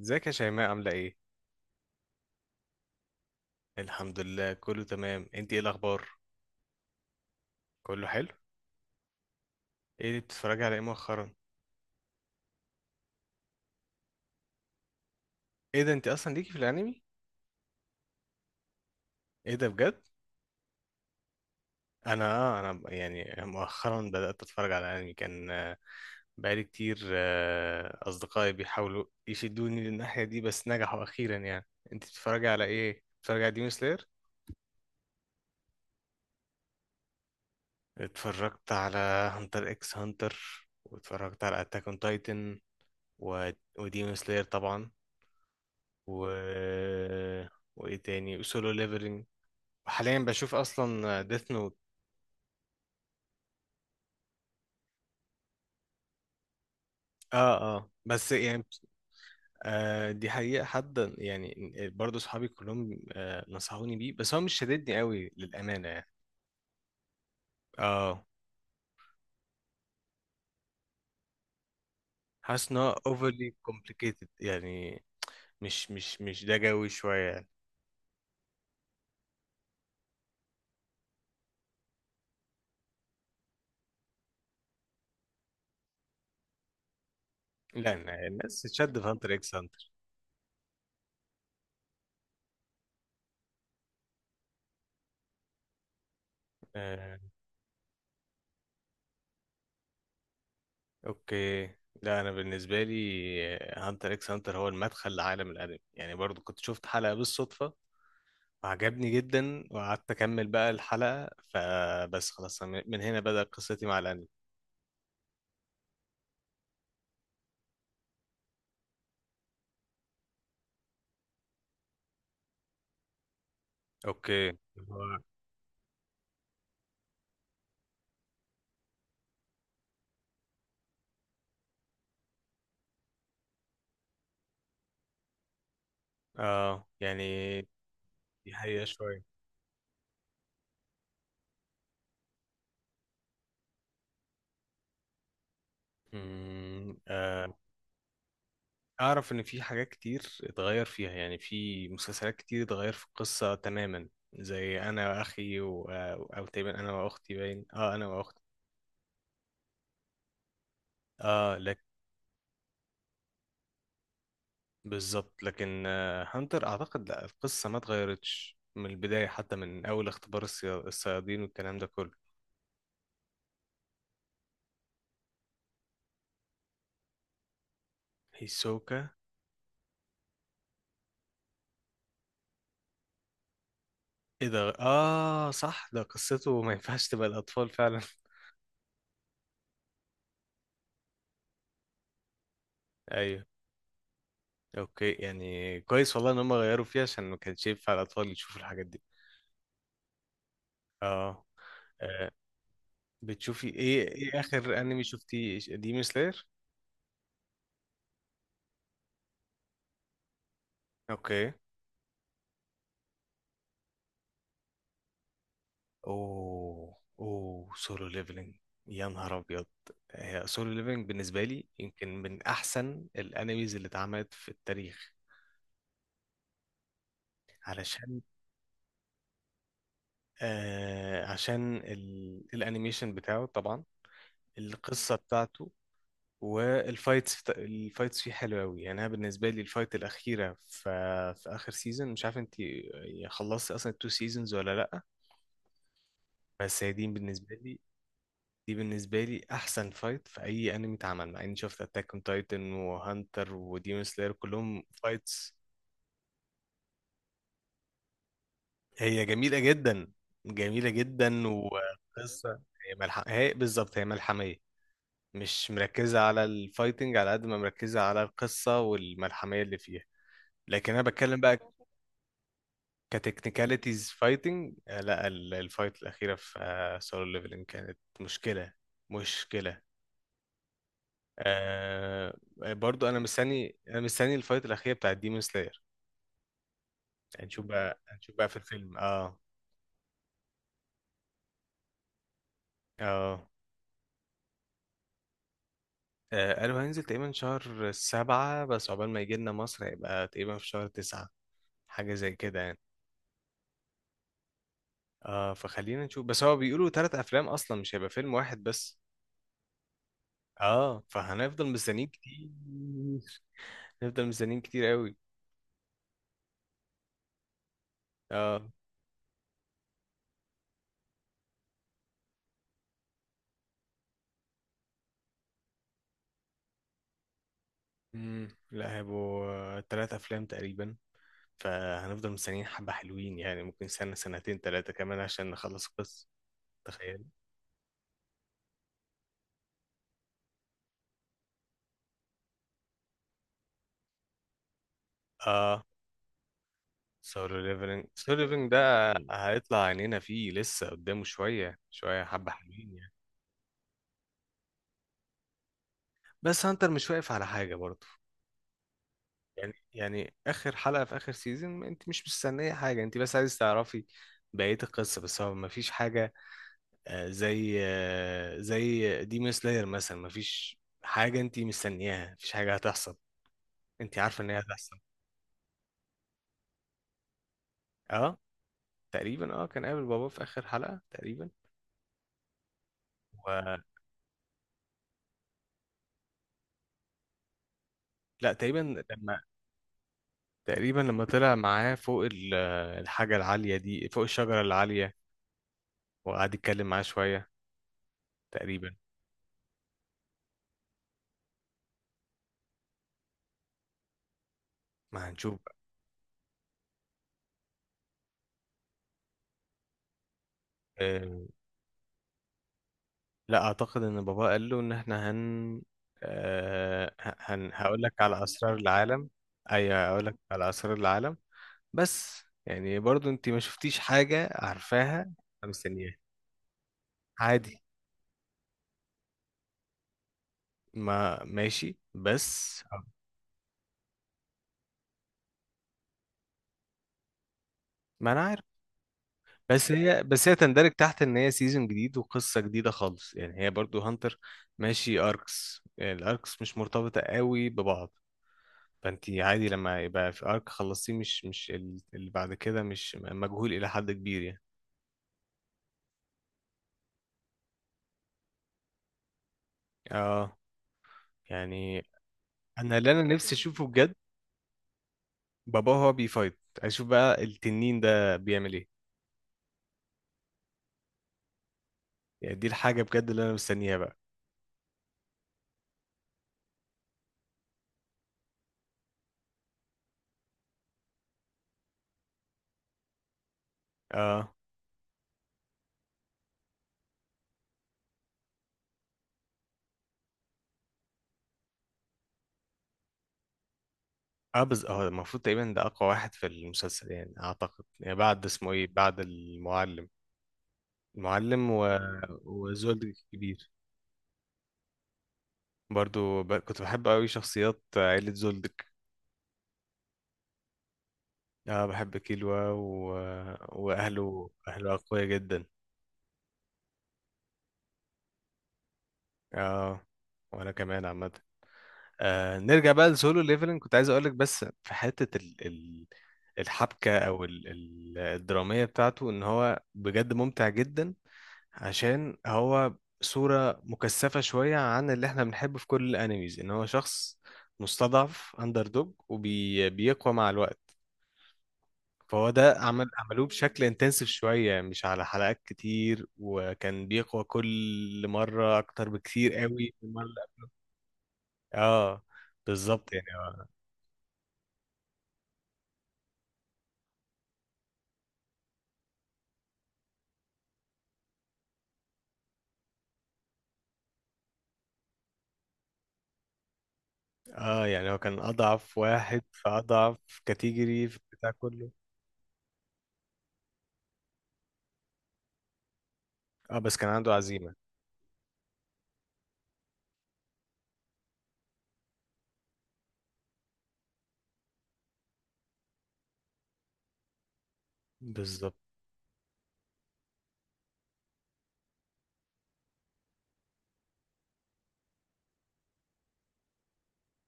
ازيك يا شيماء، عاملة ايه؟ الحمد لله، كله تمام. انت ايه الأخبار؟ كله حلو؟ ايه اللي بتتفرجي على ايه مؤخرا؟ ايه ده؟ انت أصلا ليكي في الأنمي؟ ايه ده بجد؟ أنا، يعني مؤخرا بدأت أتفرج على أنمي. كان بقالي كتير، أصدقائي بيحاولوا يشدوني للناحية دي، بس نجحوا أخيرا يعني. انت بتتفرجي على ايه؟ بتتفرجي على ديمون سلاير؟ اتفرجت على هانتر اكس هانتر، واتفرجت على أتاك اون تايتن و... وديمون سلاير طبعا، و وايه تاني، وسولو ليفلنج. حاليا بشوف اصلا ديث نوت. اه، اه، بس يعني، دي حقيقة، حد يعني برضه، صحابي كلهم نصحوني بيه، بس هو مش شددني قوي للأمانة يعني. اه، حاسس ان هو overly complicated يعني، مش ده جوي شوية يعني. لا، الناس تشد في هانتر اكس هانتر. آه اوكي. لا، انا بالنسبة لي هانتر اكس هانتر هو المدخل لعالم الانمي، يعني برضو كنت شفت حلقة بالصدفة، عجبني جدا، وقعدت اكمل بقى الحلقة، فبس خلاص أنا من هنا بدأت قصتي مع الانمي. اوكي، اه يعني دي حقيقة شوية. أمم، آه، اعرف ان في حاجات كتير اتغير فيها، يعني في مسلسلات كتير اتغير في القصة تماما، زي انا واخي و... آه، او تقريبا انا واختي، باين، انا واختي. اه لك. بالظبط، لكن هانتر اعتقد لا، القصة ما اتغيرتش من البداية، حتى من اول اختبار الصيادين والكلام ده كله. هيسوكا. ايه ده؟ اه، صح، ده قصته ما ينفعش تبقى الاطفال فعلا. ايوه. اوكي يعني، كويس والله ان هم غيروا فيها، عشان ما كانش ينفع الاطفال يشوفوا الحاجات دي. اه. آه، بتشوفي ايه؟ ايه اخر انمي شفتيه؟ ديمون سلاير؟ اوكي. اوه، اوه، سولو ليفلنج. يا نهار ابيض، هي سولو ليفلنج بالنسبه لي يمكن من احسن الانميز اللي اتعملت في التاريخ. علشان عشان الانيميشن بتاعه طبعا، القصة بتاعته، الفايتس فيه حلوة أوي. يعني أنا بالنسبة لي الفايت الأخيرة في آخر سيزون، مش عارف أنت خلصتي أصلا التو سيزونز ولا لأ، بس هي دي بالنسبة لي دي بالنسبة لي أحسن فايت في أي أنمي اتعمل، مع إني شفت أتاك أون تايتن وهانتر وديمون سلاير كلهم فايتس. هي جميلة جدا، جميلة جدا، وقصة. هي بالظبط هي ملحمية، مش مركزة على الفايتنج على قد ما مركزة على القصة والملحمية اللي فيها. لكن انا بتكلم بقى كتكنيكاليتيز فايتنج، لا، الفايت الاخيره في سولو ليفلنج كانت مشكله، مشكله. آه، برضو انا مستني الفايت الاخيره بتاعت ديمون سلاير. هنشوف بقى في الفيلم، اه. اه، قالوا هينزل تقريبا شهر سبعة، بس عقبال ما يجي لنا مصر هيبقى تقريبا في شهر تسعة، حاجة زي كده يعني. اه، فخلينا نشوف، بس هو بيقولوا تلات أفلام أصلا، مش هيبقى فيلم واحد بس. اه، فهنفضل مستنيين كتير، هنفضل مستنيين كتير قوي. اه. لا، هيبقوا تلات افلام تقريبا، فهنفضل مستنيين حبة حلوين يعني، ممكن سنة سنتين تلاتة كمان عشان نخلص القصة. تخيل. اه، سولو ليفلنج، سولو ليفلنج ده هيطلع عينينا فيه، لسه قدامه شوية شوية، حبة حلوين يعني. بس هانتر مش واقف على حاجة برضه. يعني آخر حلقة في آخر سيزون، انت مش مستنية حاجة، انت بس عايز تعرفي بقية القصة، بس هو مفيش حاجة. زي ديمون سلاير مثلا، مفيش حاجة انت مستنياها، مفيش حاجة هتحصل، انت عارفة ان هي هتحصل. اه، تقريبا، كان قابل باباه في اخر حلقة تقريبا. و... لا تقريبا لما تقريبا لما طلع معاه فوق الحاجة العالية دي، فوق الشجرة العالية، وقعد يتكلم معاه شوية، تقريبا. ما هنشوف بقى. آه، لا، اعتقد ان باباه قال له ان احنا هن هقول لك على اسرار العالم. ايوه، هقول لك على اسرار العالم. بس يعني برضو انت ما شفتيش حاجة عارفاها. أنا مستنياها. عادي. ما ماشي بس. ما انا عارف. بس هي تندرج تحت ان هي سيزون جديد وقصة جديدة خالص، يعني هي برضو هانتر ماشي اركس، يعني الاركس مش مرتبطة قوي ببعض، فانت عادي لما يبقى في ارك خلصتيه، مش مش ال- اللي بعد كده مش مجهول الى حد كبير يعني. اه. يعني انا اللي انا نفسي اشوفه بجد، بابا هو بيفايت، اشوف بقى التنين ده بيعمل ايه. يعني دي الحاجة بجد اللي أنا مستنيها بقى. اه، اه، بس المفروض تقريبا ده أقوى واحد في المسلسل يعني، أعتقد يعني بعد اسمه إيه، بعد المعلم، المعلم وزولدك الكبير. برضو كنت بحب أوي شخصيات عيلة زولدك. اه، بحب كيلوا وأهله، أهله أقوياء جدا. اه، وأنا كمان عامة. نرجع بقى لسولو ليفلنج، كنت عايز أقولك بس في حتة الحبكة أو الدرامية بتاعته، إن هو بجد ممتع جدا. عشان هو صورة مكثفة شوية عن اللي احنا بنحبه في كل الانميز، ان هو شخص مستضعف، اندر دوج، وبيقوى مع الوقت. فهو ده عمل عملوه بشكل انتنسيف شوية، يعني مش على حلقات كتير، وكان بيقوى كل مرة اكتر بكتير قوي من المرة اللي اه، بالظبط، يعني اه يعني هو كان اضعف واحد في اضعف كاتيجوري في البتاع كله. اه، بس كان عنده عزيمة. بالظبط.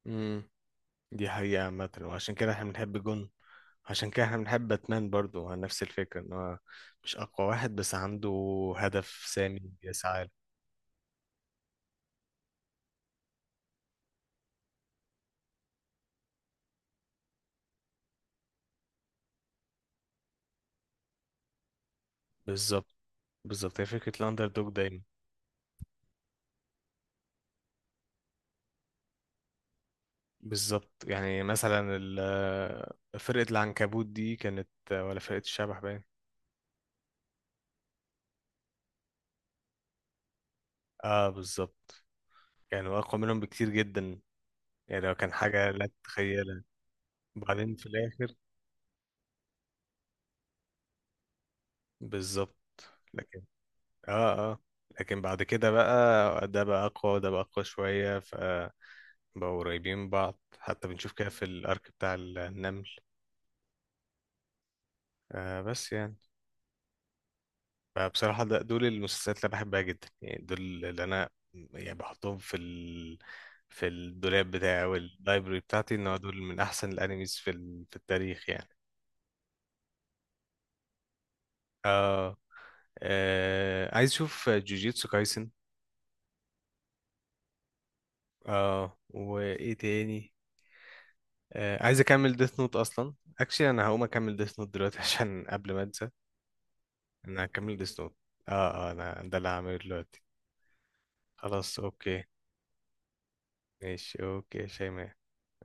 مم. دي حقيقة عامة، وعشان كده احنا بنحب جون، عشان كده احنا بنحب باتمان برضو على نفس الفكرة، ان هو مش اقوى واحد بس عنده هدف سامي بيسعى له. بالظبط، بالظبط، هي فكرة الاندر دوج دايما. بالظبط، يعني مثلا فرقة العنكبوت دي، كانت ولا فرقة الشبح، باين. اه، بالظبط، كانوا اقوى منهم بكتير جدا، يعني لو كان حاجة لا تتخيلها. وبعدين في الاخر، بالظبط. اه، اه. لكن بعد كده بقى، ده بقى اقوى وده بقى اقوى شوية، فبقوا قريبين من بعض، حتى بنشوف كده في الارك بتاع النمل. بس يعني، فبصراحة ده دول المسلسلات اللي أنا بحبها جدا، يعني دول اللي انا يعني بحطهم في في الدولاب بتاعي او اللايبرري بتاعتي، ان هو دول من احسن الانميز في في التاريخ يعني. آه, عايز اشوف جوجيتسو كايسن. اه، وايه تاني، عايز اكمل ديث نوت اصلا. اكشلي انا هقوم اكمل ديث نوت دلوقتي عشان قبل ما انسى. انا هكمل ديث نوت. اه. اه، انا ده اللي هعمله دلوقتي. خلاص، اوكي. ماشي، اوكي يا شيماء.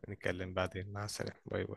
نتكلم بعدين، مع السلامة، باي باي.